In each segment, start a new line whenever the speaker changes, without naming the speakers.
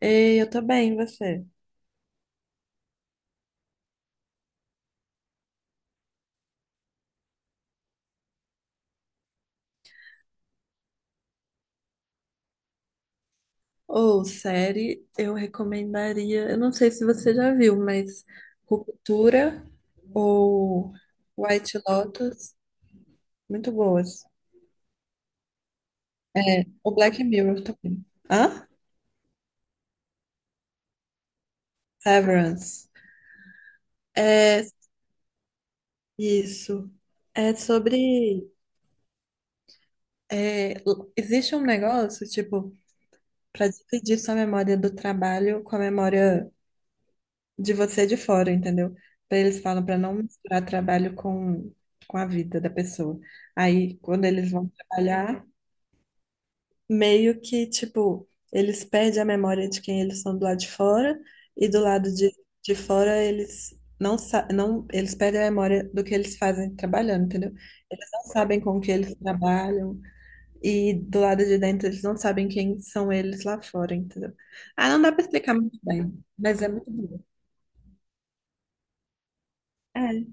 Ei, eu tô bem, e você? Ou série, eu recomendaria, eu não sei se você já viu, mas Ruptura ou White Lotus, muito boas. O Black Mirror também. Hã? Severance. É isso. É sobre. Existe um negócio, tipo, para dividir sua memória do trabalho com a memória de você de fora, entendeu? Eles falam para não misturar trabalho com a vida da pessoa. Aí, quando eles vão trabalhar, meio que, tipo, eles perdem a memória de quem eles são do lado de fora e do lado de fora eles não, eles perdem a memória do que eles fazem trabalhando, entendeu? Eles não sabem com o que eles trabalham e do lado de dentro eles não sabem quem são eles lá fora, entendeu? Ah, não dá pra explicar muito bem, mas é muito bom. É.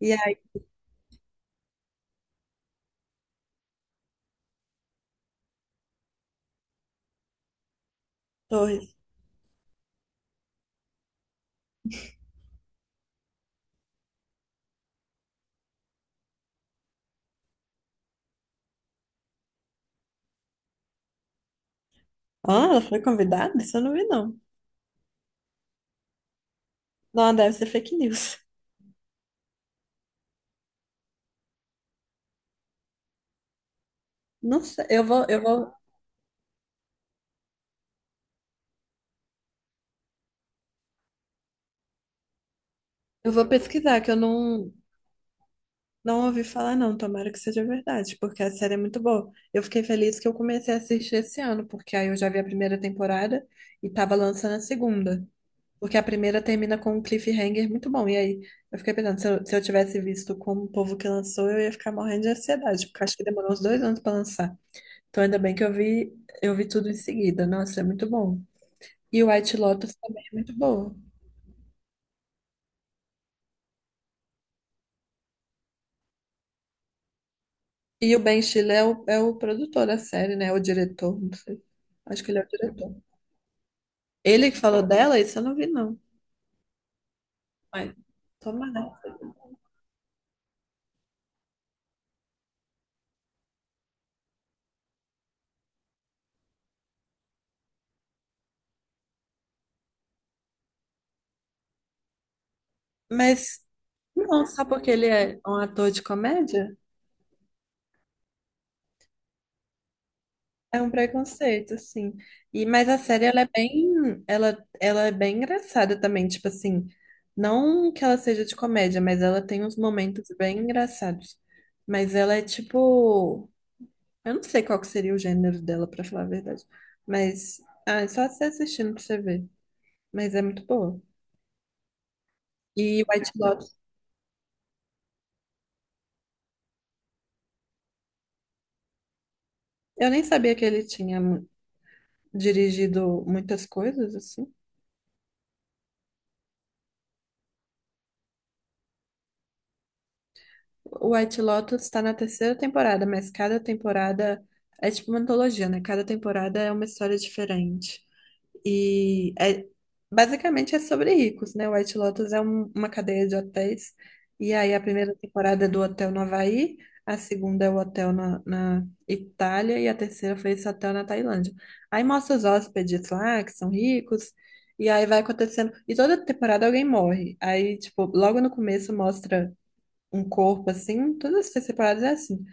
E aí, Torres. Ah, ela foi convidada? Isso eu não vi, não. Não, deve ser fake news. Não sei, eu vou pesquisar, que eu não, não ouvi falar, não. Tomara que seja verdade, porque a série é muito boa. Eu fiquei feliz que eu comecei a assistir esse ano, porque aí eu já vi a primeira temporada e tava lançando a segunda. Porque a primeira termina com um cliffhanger muito bom. E aí eu fiquei pensando, se eu tivesse visto como o povo que lançou, eu ia ficar morrendo de ansiedade, porque eu acho que demorou uns dois anos pra lançar. Então ainda bem que eu vi tudo em seguida. Nossa, é muito bom. E o White Lotus também é muito boa. E o Ben Stiller é é o produtor da série, né? O diretor, não sei. Acho que ele é o diretor. Ele que falou dela, isso eu não vi, não. Mas, tomara. Mas, não, só porque ele é um ator de comédia, é um preconceito, assim. E, mas a série, ela é bem engraçada também, tipo assim, não que ela seja de comédia, mas ela tem uns momentos bem engraçados. Mas ela é tipo. Eu não sei qual que seria o gênero dela, pra falar a verdade. Mas, ah, é só você assistindo pra você ver. Mas é muito boa. E White Lotus, eu nem sabia que ele tinha dirigido muitas coisas, assim. O White Lotus tá na terceira temporada, mas cada temporada é tipo uma antologia, né? Cada temporada é uma história diferente. E é- Basicamente é sobre ricos, né? White Lotus é uma cadeia de hotéis. E aí a primeira temporada é do hotel no Havaí, a segunda é o hotel na Itália e a terceira foi esse hotel na Tailândia. Aí mostra os hóspedes lá que são ricos. E aí vai acontecendo. E toda temporada alguém morre. Aí, tipo, logo no começo mostra um corpo assim. Todas as temporadas é assim.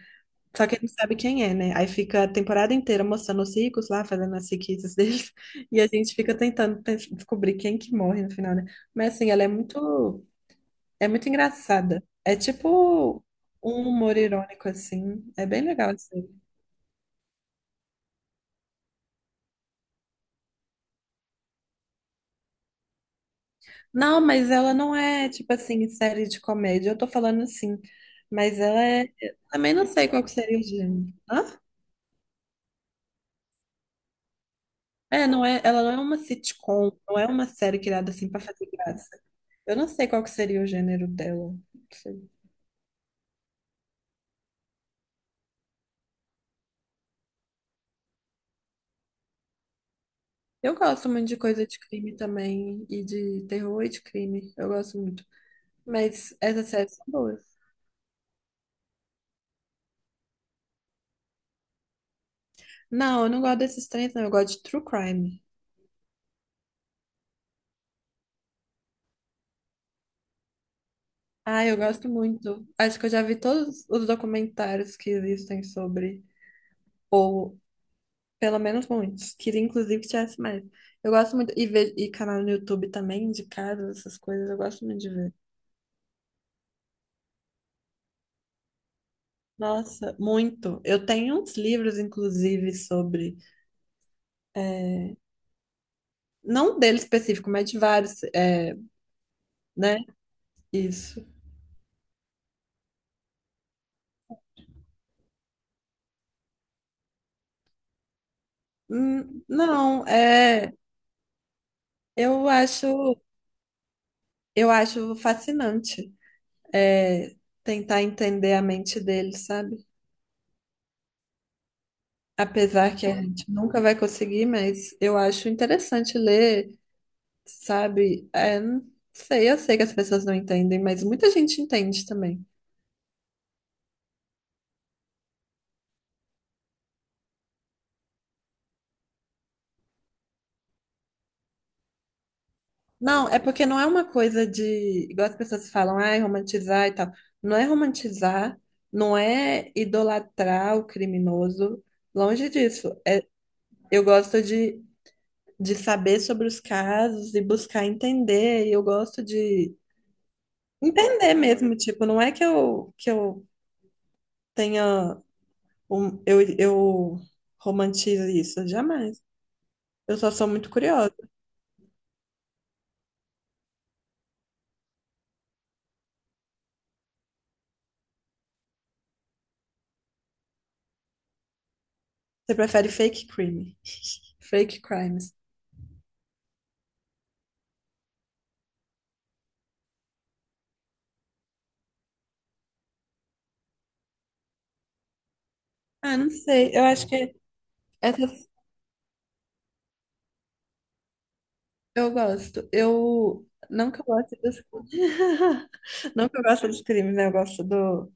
Só que ele não sabe quem é, né? Aí fica a temporada inteira mostrando os ricos lá, fazendo as riquezas deles, e a gente fica tentando descobrir quem que morre no final, né? Mas assim, é muito engraçada. É tipo um humor irônico, assim. É bem legal, assim. Não, mas ela não é, tipo assim, série de comédia. Eu tô falando assim, mas ela é. Eu também não sei qual que seria o gênero. Hã? É, não é, ela não é uma sitcom, não é uma série criada assim pra fazer graça. Eu não sei qual que seria o gênero dela. Não sei. Eu gosto muito de coisa de crime também, e de terror e de crime. Eu gosto muito. Mas essas séries são boas. Não, eu não gosto desses três, não. Eu gosto de true crime. Ah, eu gosto muito. Acho que eu já vi todos os documentários que existem sobre, ou pelo menos muitos. Queria inclusive que tivesse mais. Eu gosto muito, e, e canal no YouTube também, de casa, essas coisas, eu gosto muito de ver. Nossa, muito. Eu tenho uns livros, inclusive, sobre. Não dele específico, mas de vários, é, né? Isso. Não, é, eu acho, eu acho fascinante, é, tentar entender a mente dele, sabe? Apesar que a gente nunca vai conseguir, mas eu acho interessante ler, sabe? É, não sei, eu sei que as pessoas não entendem, mas muita gente entende também. Não, é porque não é uma coisa de, igual as pessoas falam, ai, romantizar e tal. Não é romantizar, não é idolatrar o criminoso, longe disso. É, eu gosto de saber sobre os casos e buscar entender, e eu gosto de entender mesmo, tipo, não é que eu tenha, eu romantizo isso, jamais. Eu só sou muito curiosa. Você prefere fake crime? Fake crimes. Ah, não sei. Eu acho que essas eu gosto. Eu não que eu goste dos não que eu gosto dos crimes, né? Eu gosto do.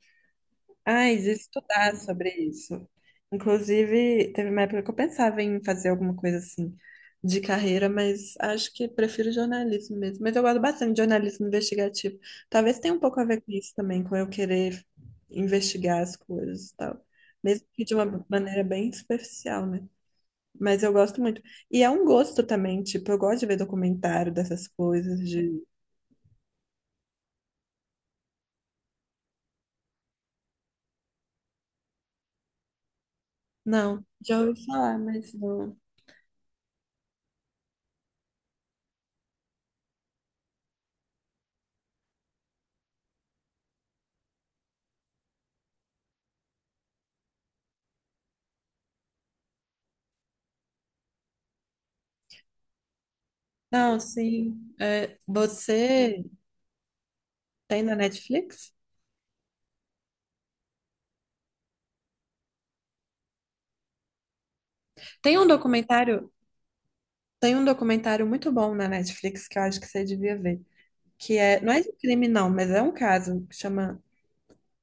Ai, de estudar sobre isso. Inclusive, teve uma época que eu pensava em fazer alguma coisa assim de carreira, mas acho que prefiro jornalismo mesmo. Mas eu gosto bastante de jornalismo investigativo. Talvez tenha um pouco a ver com isso também, com eu querer investigar as coisas e tal. Mesmo que de uma maneira bem superficial, né? Mas eu gosto muito. E é um gosto também, tipo, eu gosto de ver documentário dessas coisas, de... Não, já ouvi falar, mas não. Não, sim. É, você. Tem na Netflix? Tem um documentário, tem um documentário muito bom na Netflix que eu acho que você devia ver, que é, não é de crime não, mas é um caso que chama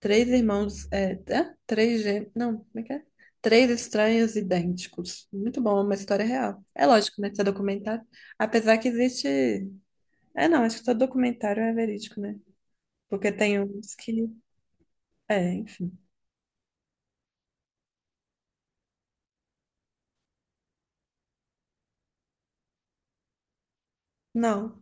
Três Irmãos, é, é? Não, como é que é? Três Estranhos Idênticos. Muito bom, é uma história real. É lógico, né, que é documentário, apesar que existe, não, acho que todo documentário é verídico, né? Porque tem uns que, é, enfim. Não,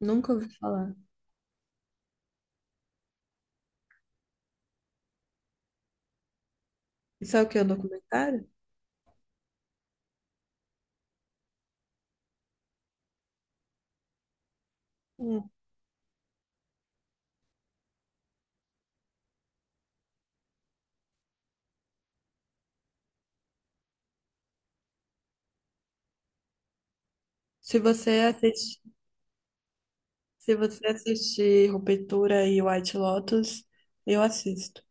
nunca ouvi falar. Isso é o que, um documentário? Hum. Se você assiste Se você assistir Ruptura e White Lotus, eu assisto.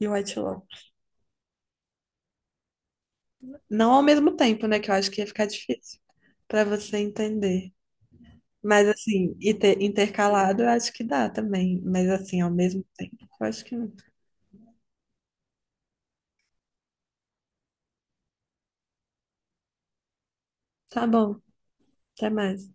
E White Lotus. Não ao mesmo tempo, né? Que eu acho que ia ficar difícil pra você entender. Mas assim, e ter intercalado, eu acho que dá também. Mas assim, ao mesmo tempo, eu acho que não. Tá bom, até mais.